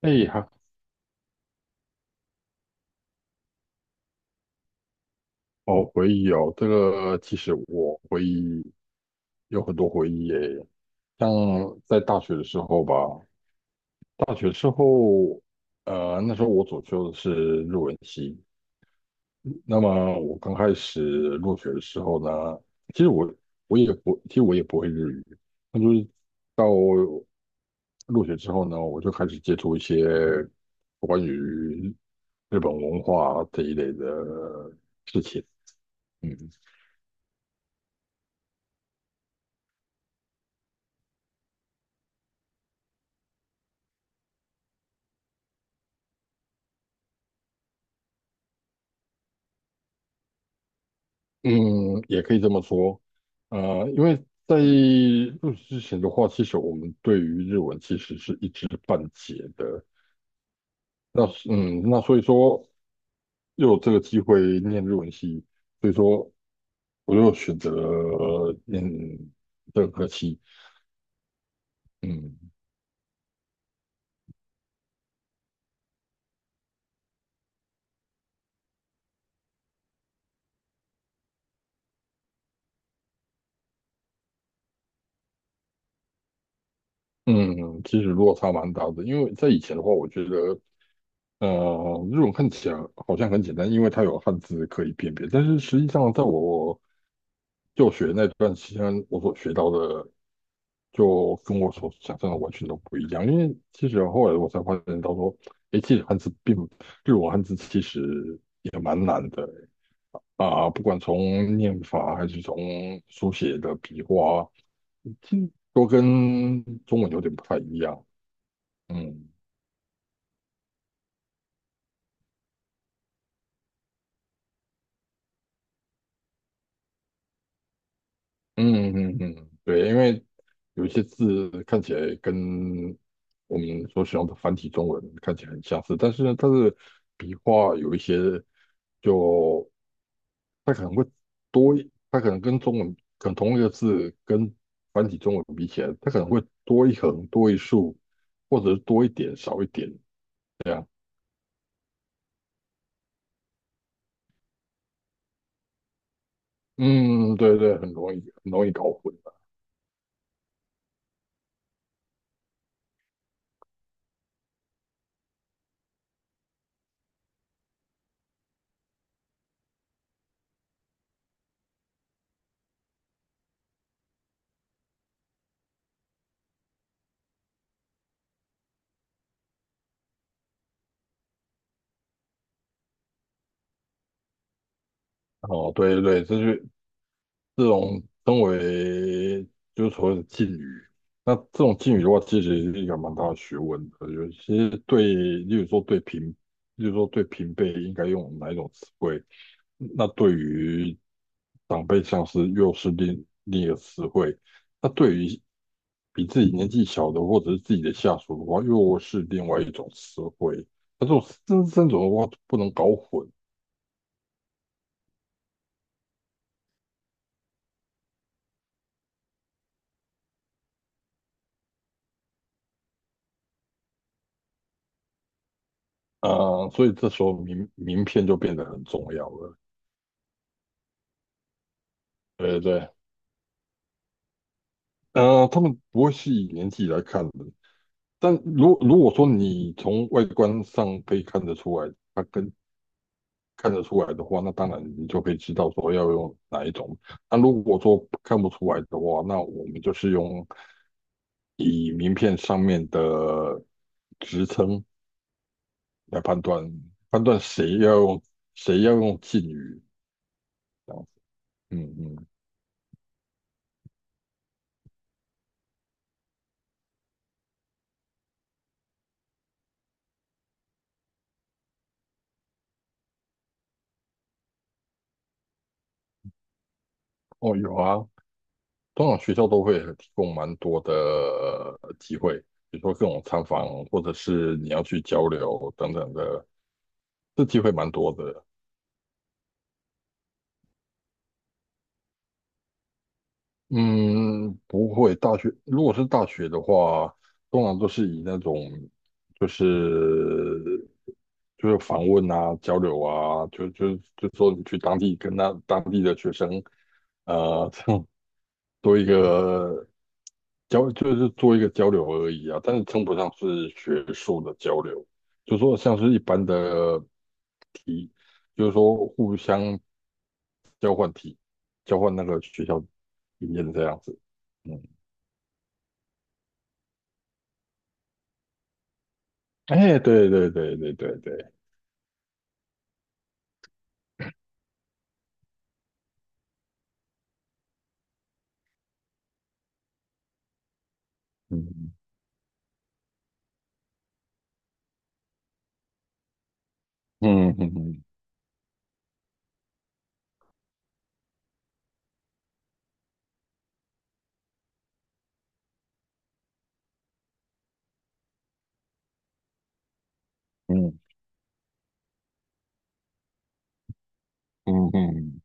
哎，还好回忆哦。这个其实我回忆有很多回忆耶，像在大学的时候吧，大学之后，那时候我主修的是日文系。那么我刚开始入学的时候呢，其实我其实我也不会日语。那就是到入学之后呢，我就开始接触一些关于日本文化这一类的事情。嗯嗯，也可以这么说。因为在入职之前的话，其实我们对于日文其实是一知半解的。那是嗯，那所以说又有这个机会念日文系，所以说我又选择了念这个科系。嗯嗯，其实落差蛮大的。因为在以前的话，我觉得日文看起来好像很简单，因为它有汉字可以辨别，但是实际上在我就学那段期间，我所学到的就跟我所想象的完全都不一样。因为其实后来我才发现到说，诶，其实汉字并日文汉字其实也蛮难的啊，不管从念法还是从书写的笔画，其实都跟中文有点不太一样。嗯。嗯嗯嗯，对，因为有一些字看起来跟我们所使用的繁体中文看起来很相似，但是呢，它的笔画有一些就它可能会它可能跟中文可能同一个字跟繁体中文比起来，它可能会多一横、多一竖，或者是多一点、少一点。嗯，对对，很容易很容易搞混的。哦，对对对，这种称为就是所谓的敬语。那这种敬语的话，其实是一个蛮大的学问的。尤其是对，例如说对平辈应该用哪一种词汇，那对于长辈像是又是另一个词汇。那对于比自己年纪小的或者是自己的下属的话，又是另外一种词汇。那这三种的话不能搞混啊、所以这时候名片就变得很重要了。对对。他们不会是以年纪来看的，但如果说你从外观上可以看得出来，看得出来的话，那当然你就可以知道说要用哪一种。那如果说看不出来的话，那我们就是用以名片上面的职称来判断，判断谁要用敬语这样子。嗯嗯。哦，有啊，通常学校都会提供蛮多的机会，比如说各种参访，或者是你要去交流等等的，这机会蛮多的。嗯，不会，大学如果是大学的话，通常都是以那种就是就是访问啊、交流啊，就说你去当地跟那当地的学生，呃，做一个交，就是做一个交流而已啊，但是称不上是学术的交流，就说像是一般的题，就是说互相交换题，交换那个学校经验这样子。嗯，哎，对对对对对对，嗯嗯嗯嗯嗯嗯嗯，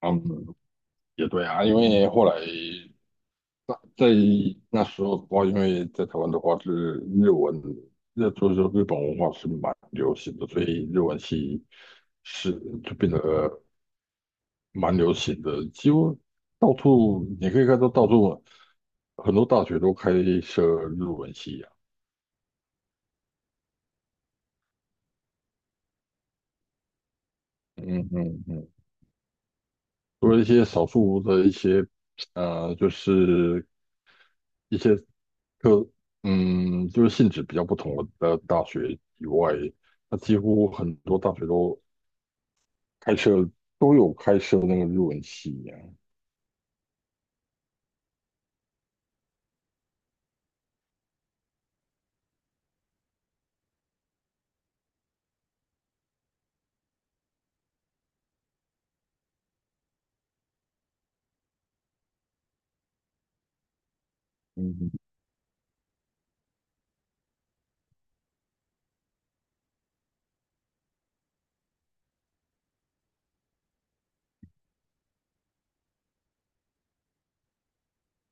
嗯，也对啊，因为后来。那在那时候的话，因为在台湾的话是日文，那就是日本文化是蛮流行的，所以日文系是就变得蛮流行的，几乎到处你可以看到到处很多大学都开设日文系啊。嗯嗯嗯，除了一些少数的一些就是一些课，嗯，就是性质比较不同的大学以外，那几乎很多大学开设都有开设那个日文系啊。嗯，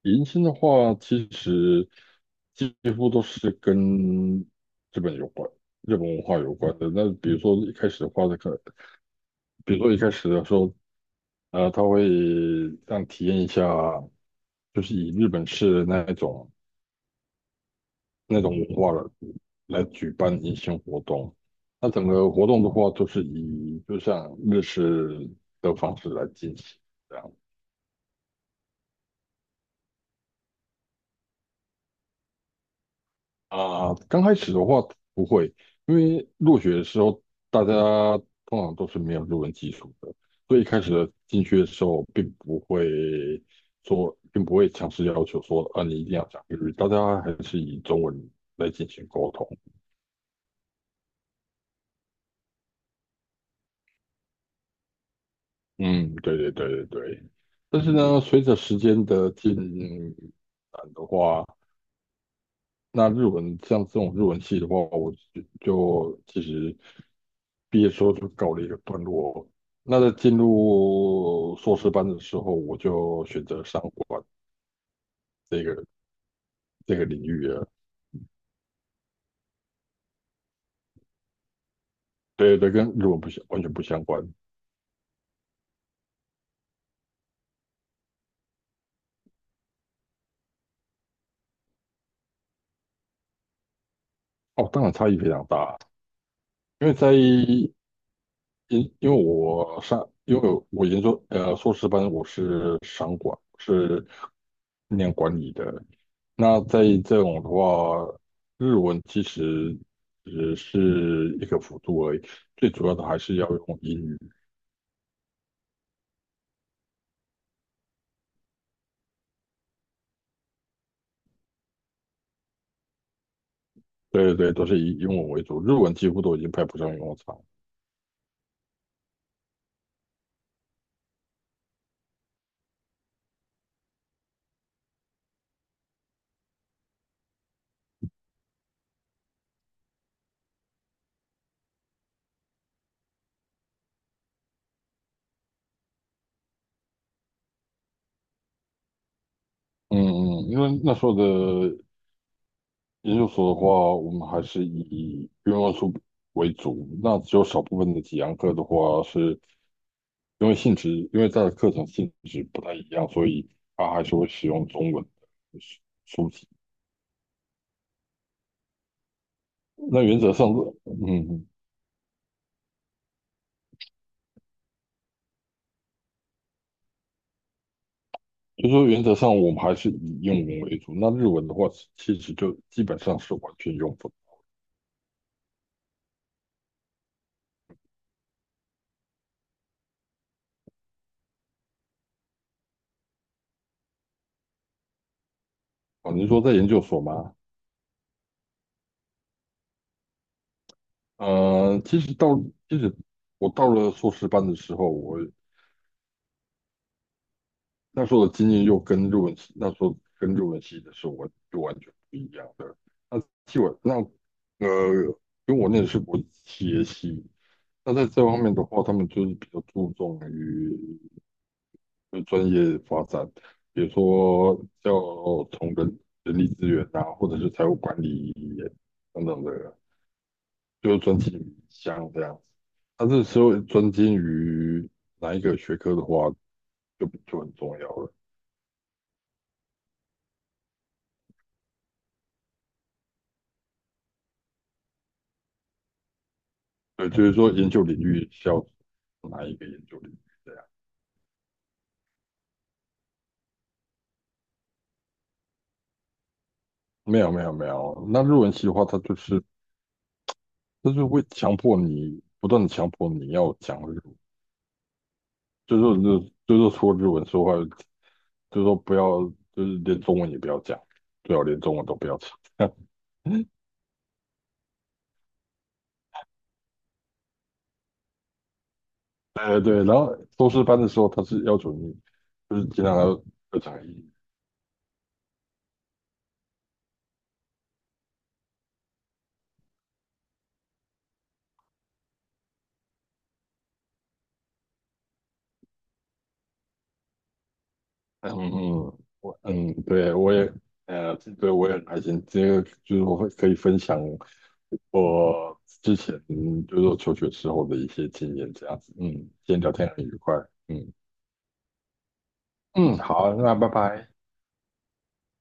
迎新的话，其实几乎都是跟日本有关、日本文化有关的。那比如说一开始的时候，他会让你体验一下，就是以日本式的那种文化来举办迎新活动。那整个活动的话，都是以就像日式的方式来进行。这样。啊，刚开始的话不会，因为入学的时候大家通常都是没有日文基础的，所以一开始的进去的时候并不会强制要求说啊你一定要讲日语，大家还是以中文来进行沟通。嗯，对对对对对。但是呢，随着时间的进展的话，那日文像这种日文系的话，我就其实。毕业之后就告了一个段落。那在进入硕士班的时候，我就选择商管这个这个领域了。对对，跟日文不相完全不相关。哦，当然差异非常大。因为在因因为我上因为我研究硕士班，我是商管，是念管理的。那在这种的话，日文其实只是一个辅助而已，最主要的还是要用英语。对对对，都是以英文为主，日文几乎都已经派不上用场。嗯嗯，因为那时候的研究所的话，我们还是以英文书为主，那只有少部分的几堂课的话，是因为性质，因为它的课程性质不太一样，所以它还是会使用中文的书籍。那原则上，嗯，嗯就说原则上我们还是以英文为主，那日文的话，其实就基本上是完全用不到。啊，您说在研究所吗？呃，其实到其实我到了硕士班的时候，我那时候的经验又跟日文系那时候跟日文系的时候就完全不一样的。那替我那呃，因为我那的是国际企业系。那在这方面的话，他们就是比较注重于专业发展，比如说要从人力资源呐，或者是财务管理等等的。就专精于像这样子。但是说专精于哪一个学科的话，就很重要了。对，就是说研究领域要哪一个研究领域这样。没有没有没有，那日文系的话，它就是会强迫你不断的强迫你要讲日文，就是说就就是说除了日文说话，就是说不要就是连中文也不要讲，最好连中文都不要讲。对对，然后硕士班的时候，他是要求你就是尽量要讲英语。嗯嗯，我嗯，对，我也对，我也很开心。这个就是我会可以分享我之前就是说求学时候的一些经验，这样子。嗯，今天聊天很愉快。嗯嗯，好，那拜拜。